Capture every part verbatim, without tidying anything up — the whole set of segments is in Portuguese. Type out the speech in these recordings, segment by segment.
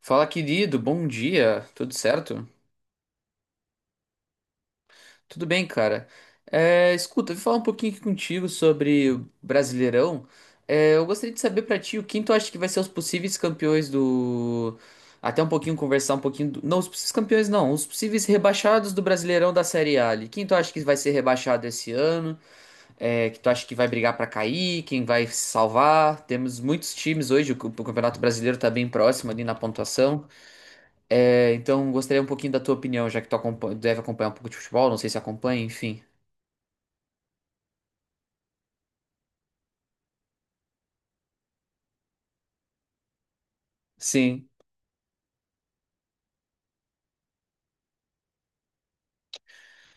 Fala, querido, bom dia, tudo certo? Tudo bem, cara. É, escuta, vou falar um pouquinho aqui contigo sobre o Brasileirão. É, eu gostaria de saber pra ti o quem tu acha que vai ser os possíveis campeões do. Até um pouquinho conversar um pouquinho. do- Não, os possíveis campeões não, os possíveis rebaixados do Brasileirão da Série A ali. Quem tu acha que vai ser rebaixado esse ano? É, que tu acha que vai brigar pra cair? Quem vai se salvar? Temos muitos times hoje, o o Campeonato Brasileiro tá bem próximo ali na pontuação. É, então, gostaria um pouquinho da tua opinião, já que tu acompa- deve acompanhar um pouco de futebol, não sei se acompanha, enfim. Sim,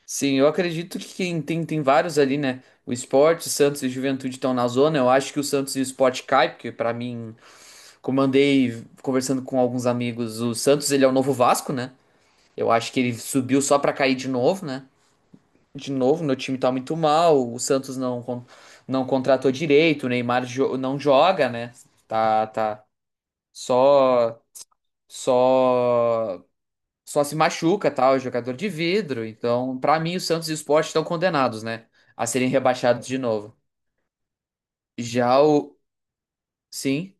sim, eu acredito que quem tem, tem vários ali, né? O Sport, o Santos e o Juventude estão na zona. Eu acho que o Santos e o Sport cai, porque pra mim, como andei conversando com alguns amigos, o Santos ele é o novo Vasco, né? Eu acho que ele subiu só pra cair de novo, né? De novo, meu time tá muito mal, o Santos não, con- não contratou direito, o Neymar jo- não joga, né? Tá, tá. Só. só só se machuca, tal, é jogador de vidro. Então, pra mim, o Santos e o Sport estão condenados, né, a serem rebaixados de novo. Já o, sim,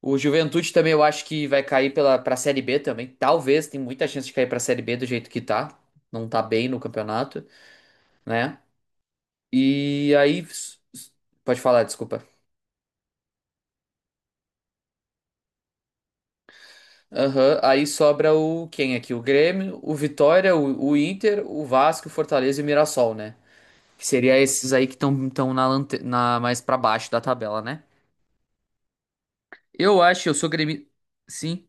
o Juventude também eu acho que vai cair pela para Série B também. Talvez, tem muita chance de cair pra Série B do jeito que tá. Não tá bem no campeonato, né? E aí s- s- pode falar, desculpa. Aham, aí sobra o quem aqui? O Grêmio, o Vitória, o, o Inter, o Vasco, o Fortaleza e o Mirassol, né? Que seria esses aí que estão na, lante- na mais pra baixo da tabela, né? Eu acho, eu sou gremista. Sim,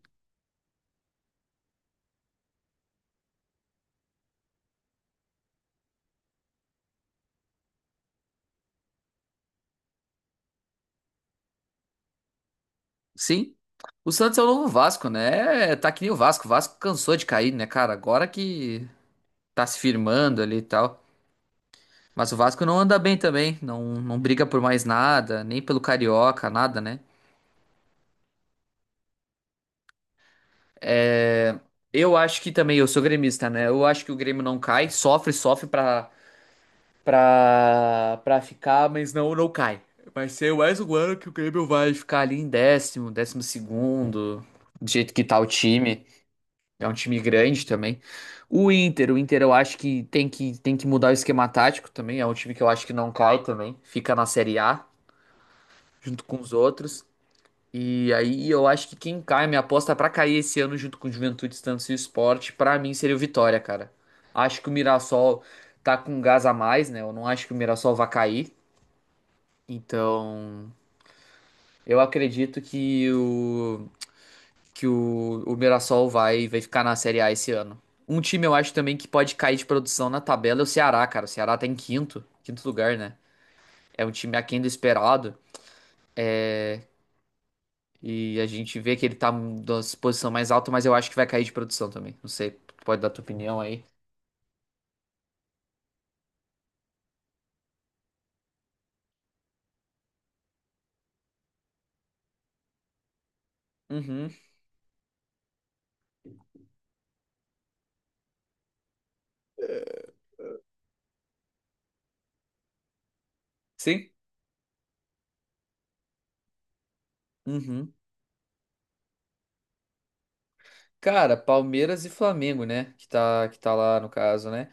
sim. O Santos é o novo Vasco, né? É, tá que nem o Vasco. O Vasco cansou de cair, né, cara? Agora que tá se firmando ali e tal. Mas o Vasco não anda bem também. Não, não briga por mais nada, nem pelo Carioca, nada, né? É, eu acho que também, eu sou gremista, né? Eu acho que o Grêmio não cai, sofre, sofre pra pra, pra ficar, mas não, não cai. Vai ser mais um ano que o Grêmio vai ficar ali em décimo, décimo segundo, do jeito que tá o time. É um time grande também. O Inter, o Inter eu acho que tem que, tem que mudar o esquema tático também. É um time que eu acho que não cai também. Fica na Série A, junto com os outros. E aí eu acho que quem cai, minha aposta pra cair esse ano junto com o Juventude, Estância e Sport, pra mim seria o Vitória, cara. Acho que o Mirassol tá com gás a mais, né? Eu não acho que o Mirassol vai cair. Então, eu acredito que o que o, o Mirassol vai vai ficar na Série A esse ano. Um time eu acho também que pode cair de produção na tabela é o Ceará, cara. O Ceará tá em quinto, quinto lugar, né? É um time aquém do esperado e a gente vê que ele tá na posição mais alta, mas eu acho que vai cair de produção também. Não sei, tu pode dar tua opinião aí. Uhum. Sim. Uhum. Cara, Palmeiras e Flamengo, né? Que tá que tá lá no caso, né?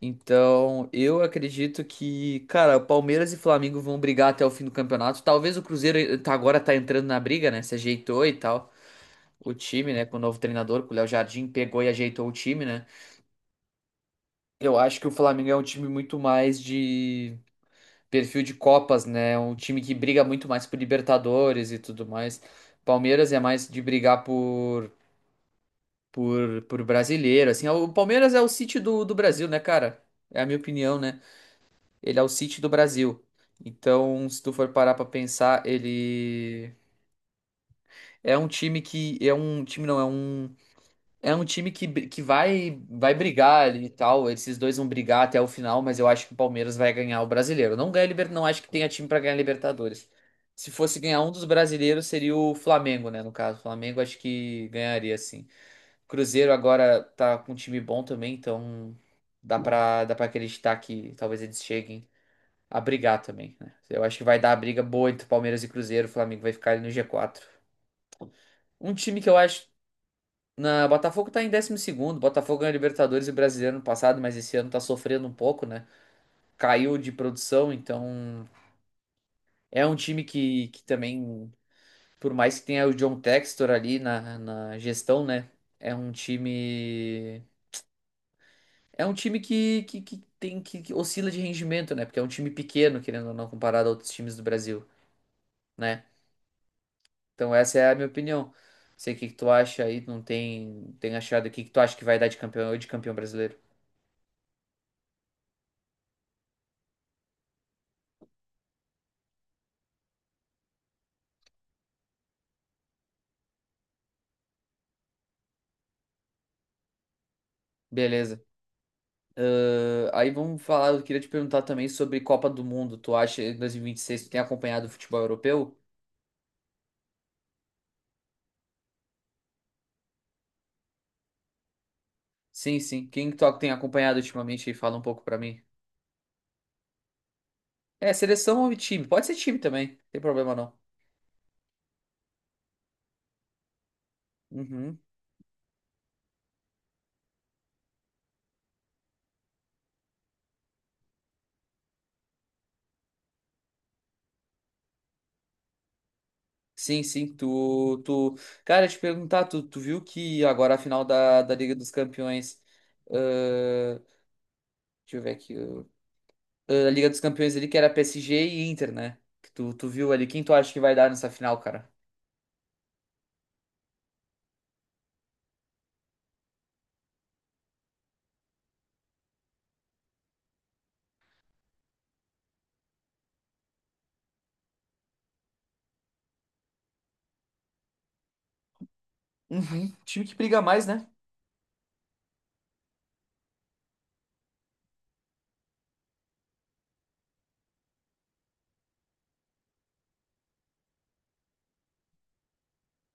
Então, eu acredito que, cara, Palmeiras e Flamengo vão brigar até o fim do campeonato. Talvez o Cruzeiro tá- agora tá entrando na briga, né? Se ajeitou e tal. O time, né, com o novo treinador, com o Léo Jardim, pegou e ajeitou o time, né? Eu acho que o Flamengo é um time muito mais de perfil de Copas, né? Um time que briga muito mais por Libertadores e tudo mais. Palmeiras é mais de brigar por por, por brasileiro, assim. O Palmeiras é o City do, do Brasil, né, cara? É a minha opinião, né? Ele é o City do Brasil. Então, se tu for parar pra pensar, ele é um time que é um time não, é um é um time que, br- que vai vai brigar ali e tal. Esses dois vão brigar até o final, mas eu acho que o Palmeiras vai ganhar o Brasileiro. Não ganha Liber... não acho que tenha time pra ganhar Libertadores. Se fosse ganhar um dos brasileiros, seria o Flamengo, né, no caso. O Flamengo acho que ganharia sim. Cruzeiro agora tá com um time bom também, então dá pra dá para acreditar que talvez eles cheguem a brigar também, né? Eu acho que vai dar a briga boa entre Palmeiras e Cruzeiro, o Flamengo vai ficar ali no G quatro. Um time que eu acho. Na, Botafogo tá em décimo segundo. Botafogo ganhou Libertadores e Brasileiro no passado, mas esse ano tá sofrendo um pouco, né? Caiu de produção, então é um time que, que também, por mais que tenha o John Textor ali na, na gestão, né? É um time. É um time que, que, que tem que, que oscila de rendimento, né? Porque é um time pequeno, querendo ou não, comparado a outros times do Brasil, né? Então essa é a minha opinião. Sei o que que tu acha aí, não tem, tem achado o que que tu acha que vai dar de campeão de campeão brasileiro. Beleza. Ahn, aí vamos falar, eu queria te perguntar também sobre Copa do Mundo. Tu acha, em dois mil e vinte e seis tu tem acompanhado o futebol europeu? Sim, sim. Quem que tu tem acompanhado ultimamente aí? Fala um pouco pra mim. É, seleção ou time? Pode ser time também, não tem problema não. Uhum. Sim, sim, tu, tu... cara, eu te perguntar, tu, tu viu que agora a final da, da Liga dos Campeões. ahn, Deixa eu ver aqui. eh, da Liga dos Campeões ali, que era P S G e Inter, né? Que tu, tu viu ali. Quem tu acha que vai dar nessa final, cara? Uhum. Time que briga mais, né?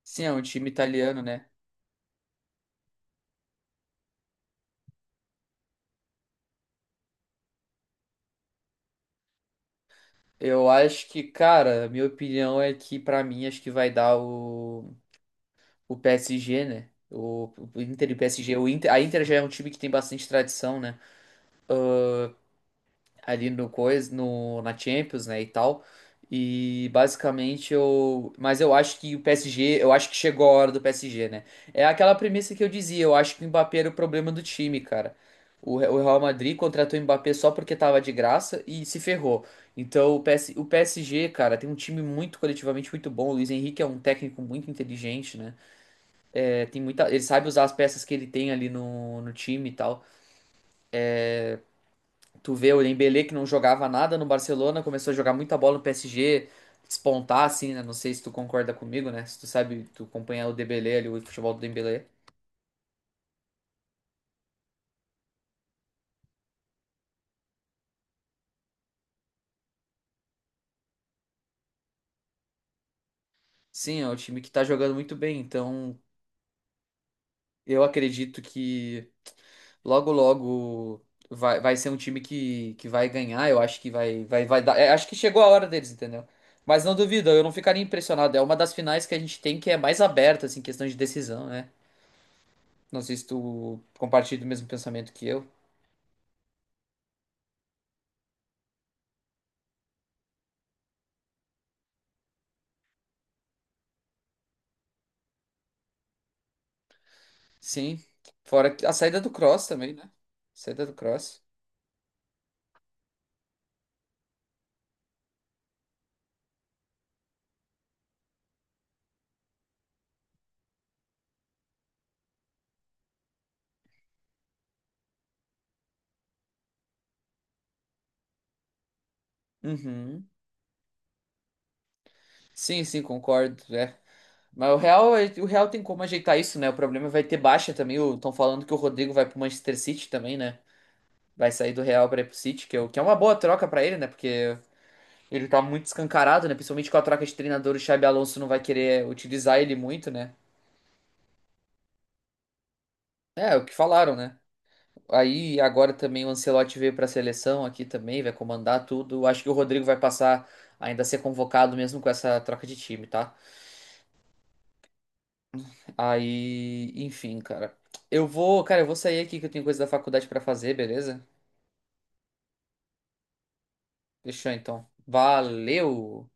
Sim, é um time italiano, né? Eu acho que, cara, minha opinião é que pra mim acho que vai dar o, o P S G, né? O, o Inter e P S G. O Inter, a Inter já é um time que tem bastante tradição, né? Ali no coisa, no, na Champions, né, e tal. E basicamente eu, mas eu acho que o P S G, eu acho que chegou a hora do P S G, né? É aquela premissa que eu dizia, eu acho que o Mbappé era o problema do time, cara. O, Re- o Real Madrid contratou o Mbappé só porque tava de graça e se ferrou. Então o PS, o P S G, cara, tem um time muito coletivamente muito bom. O Luiz Henrique é um técnico muito inteligente, né? É, tem muita, ele sabe usar as peças que ele tem ali no, no time e tal. Tu vê o Dembélé que não jogava nada no Barcelona, começou a jogar muita bola no P S G, despontar assim, né? Não sei se tu concorda comigo, né? Se tu sabe, tu acompanha o Dembélé ali, o futebol do Dembélé. Sim, é um time que tá jogando muito bem, então eu acredito que logo logo vai, vai ser um time que, que vai ganhar, eu acho que vai vai vai dar, é, acho que chegou a hora deles, entendeu? Mas não duvido, eu não ficaria impressionado, é uma das finais que a gente tem que é mais aberta assim, em questão de decisão, né? Não sei se tu compartilha do mesmo pensamento que eu. Sim. Fora que- a saída do Cross também, né? Saída do Cross. Uhum. Sim, sim, concordo. É. Mas o Real, é- o Real tem como ajeitar isso, né? O problema vai ter baixa também. Estão falando que o Rodrigo vai pro Manchester City também, né? Vai sair do Real para ir pro City, que é, o- que é uma boa troca pra ele, né? Porque ele tá muito escancarado, né? Principalmente com a troca de treinador, o Xabi Alonso não vai querer utilizar ele muito, né? É, o que falaram, né? Aí agora também o Ancelotti veio para a seleção aqui também, vai comandar tudo. Acho que o Rodrigo vai passar ainda a ser convocado mesmo com essa troca de time, tá? Aí, enfim, cara. Eu vou, cara, eu vou sair aqui que eu tenho coisa da faculdade para fazer, beleza? Fechou então. Valeu.